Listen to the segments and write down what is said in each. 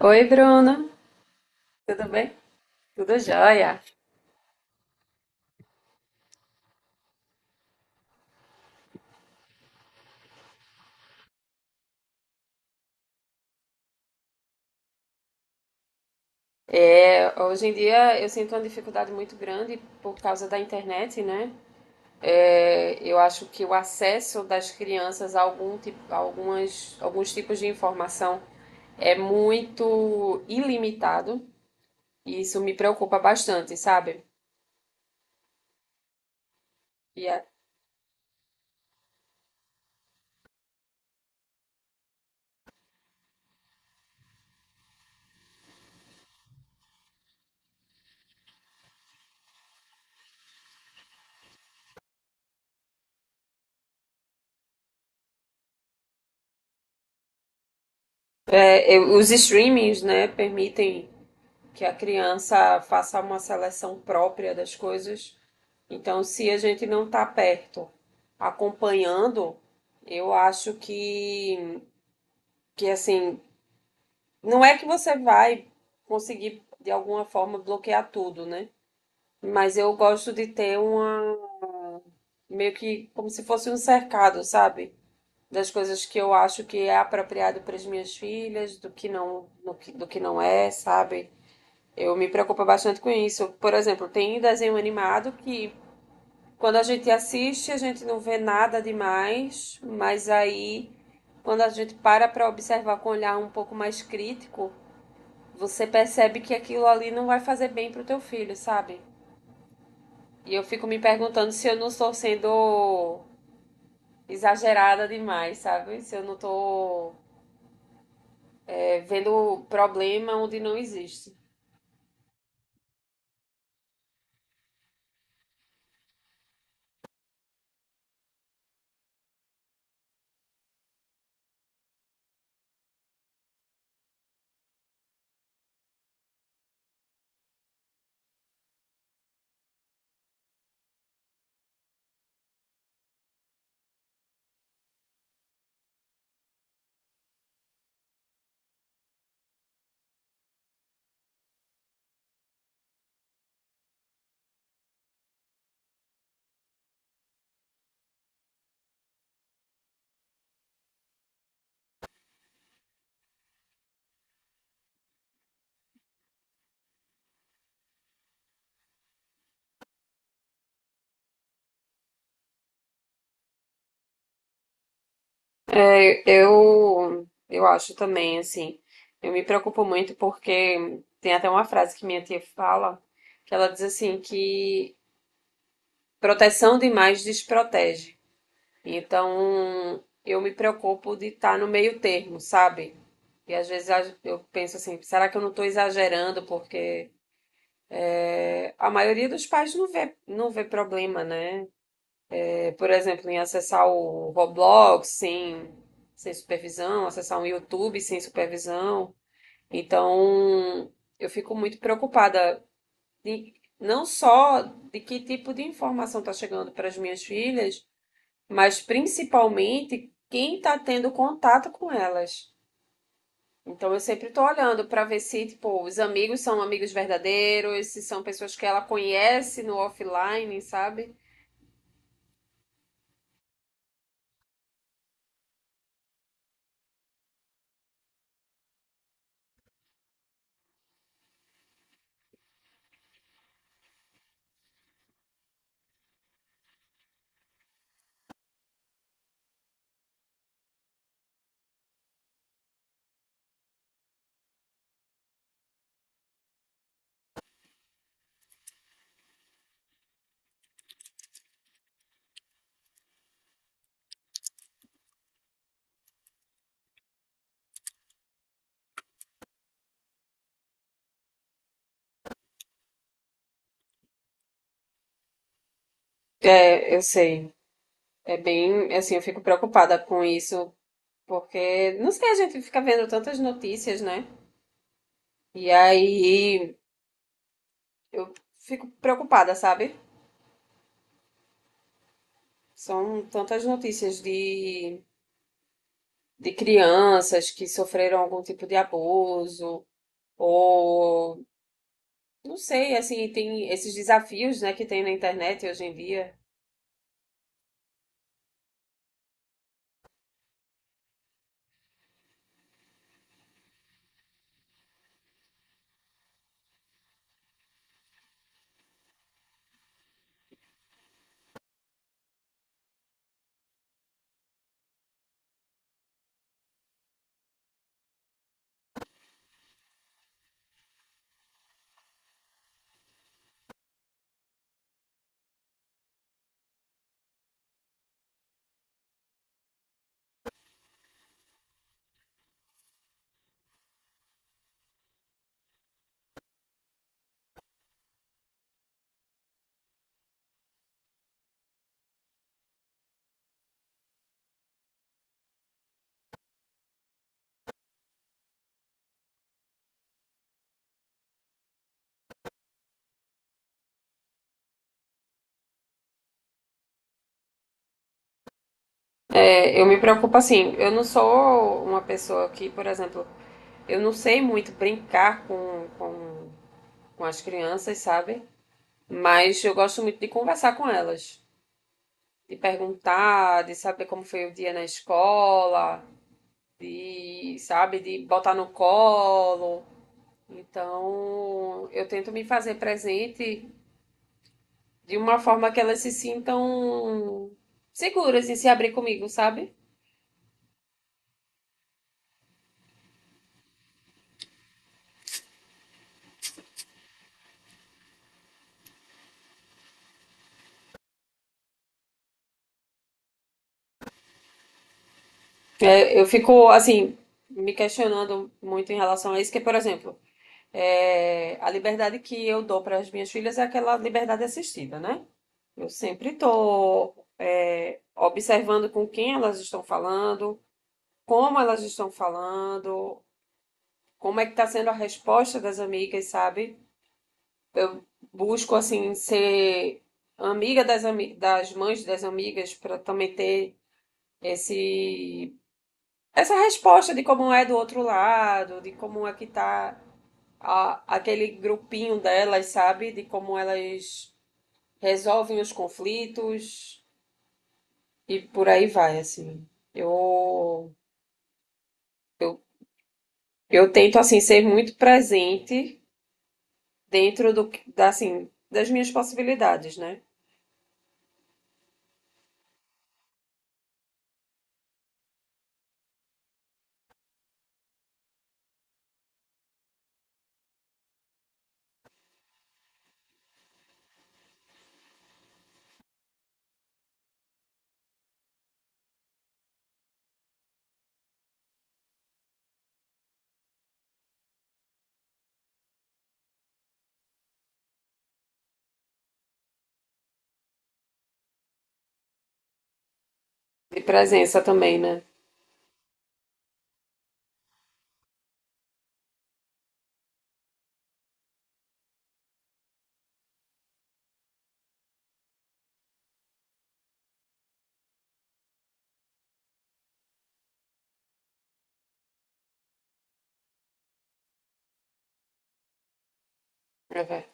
Oi, Bruna. Tudo bem? Tudo jóia. Hoje em dia eu sinto uma dificuldade muito grande por causa da internet, né? Eu acho que o acesso das crianças a algum tipo, alguns tipos de informação é muito ilimitado e isso me preocupa bastante, sabe? E até- os streamings, né, permitem que a criança faça uma seleção própria das coisas. Então, se a gente não está perto, acompanhando, eu acho que assim, não é que você vai conseguir de alguma forma bloquear tudo, né? Mas eu gosto de ter uma, meio que como se fosse um cercado, sabe? Das coisas que eu acho que é apropriado para as minhas filhas, do que não, do que não é, sabe? Eu me preocupo bastante com isso. Por exemplo, tem um desenho animado que, quando a gente assiste, a gente não vê nada demais, mas aí quando a gente para para observar com um olhar um pouco mais crítico, você percebe que aquilo ali não vai fazer bem pro teu filho, sabe? E eu fico me perguntando se eu não estou sendo exagerada demais, sabe? Se eu não estou, vendo problema onde não existe. Eu acho também, assim, eu me preocupo muito porque tem até uma frase que minha tia fala, que ela diz assim que proteção demais desprotege. Então, eu me preocupo de estar no meio termo, sabe? E às vezes eu penso assim, será que eu não estou exagerando? Porque a maioria dos pais não vê problema, né? É, por exemplo, em acessar o Roblox sem supervisão, acessar o YouTube sem supervisão. Então, eu fico muito preocupada de, não só de que tipo de informação está chegando para as minhas filhas, mas principalmente quem está tendo contato com elas. Então eu sempre estou olhando para ver se, tipo, os amigos são amigos verdadeiros, se são pessoas que ela conhece no offline, sabe? É, eu sei. É bem, assim, eu fico preocupada com isso, porque, não sei, a gente fica vendo tantas notícias, né? E aí eu fico preocupada, sabe? São tantas notícias de crianças que sofreram algum tipo de abuso ou, não sei, assim, tem esses desafios, né, que tem na internet hoje em dia. É, eu me preocupo assim, eu não sou uma pessoa que, por exemplo, eu não sei muito brincar com as crianças, sabe? Mas eu gosto muito de conversar com elas, de perguntar, de saber como foi o dia na escola, de, sabe, de botar no colo. Então, eu tento me fazer presente de uma forma que elas se sintam seguras em se abrir comigo, sabe? Eu fico, assim, me questionando muito em relação a isso, que, por exemplo, é, a liberdade que eu dou para as minhas filhas é aquela liberdade assistida, né? Eu sempre estou, é, observando com quem elas estão falando, como elas estão falando, como é que está sendo a resposta das amigas, sabe? Busco, assim, ser amiga das, ami, das mães das amigas para também ter esse essa resposta de como é do outro lado, de como é que tá a- aquele grupinho delas, sabe? De como elas resolvem os conflitos e por aí vai, assim. Eu eu, eu tento assim ser muito presente dentro do que- da, assim, das minhas possibilidades, né? De presença também, né? É, verdade.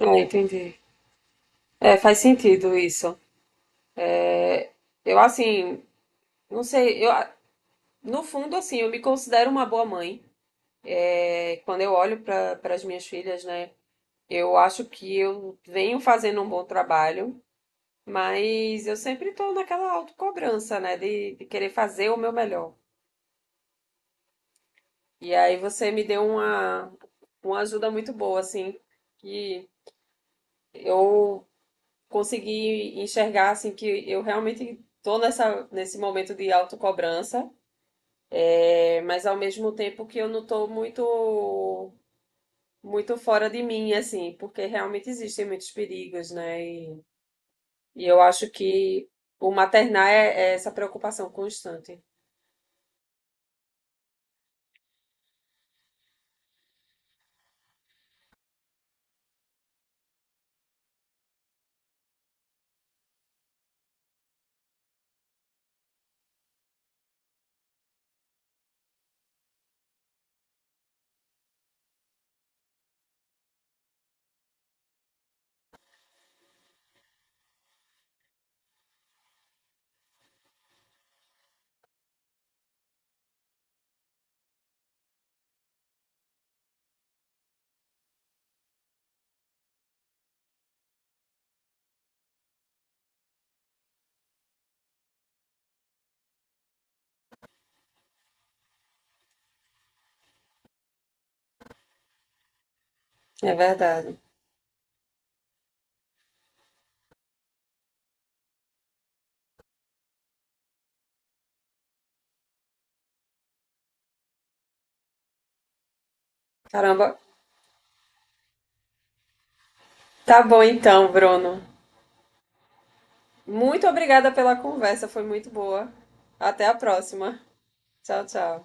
Ah, entendi. É, faz sentido isso. Eu assim, não sei, eu no fundo assim, eu me considero uma boa mãe. É, quando eu olho para as minhas filhas, né, eu acho que eu venho fazendo um bom trabalho, mas eu sempre estou naquela autocobrança, né, de querer fazer o meu melhor. E aí você me deu uma ajuda muito boa, assim, que eu consegui enxergar, assim, que eu realmente estou nesse momento de autocobrança, é, mas ao mesmo tempo que eu não estou muito fora de mim, assim, porque realmente existem muitos perigos, né? E eu acho que o maternar é, é essa preocupação constante. É verdade. Caramba. Tá bom então, Bruno. Muito obrigada pela conversa, foi muito boa. Até a próxima. Tchau, tchau.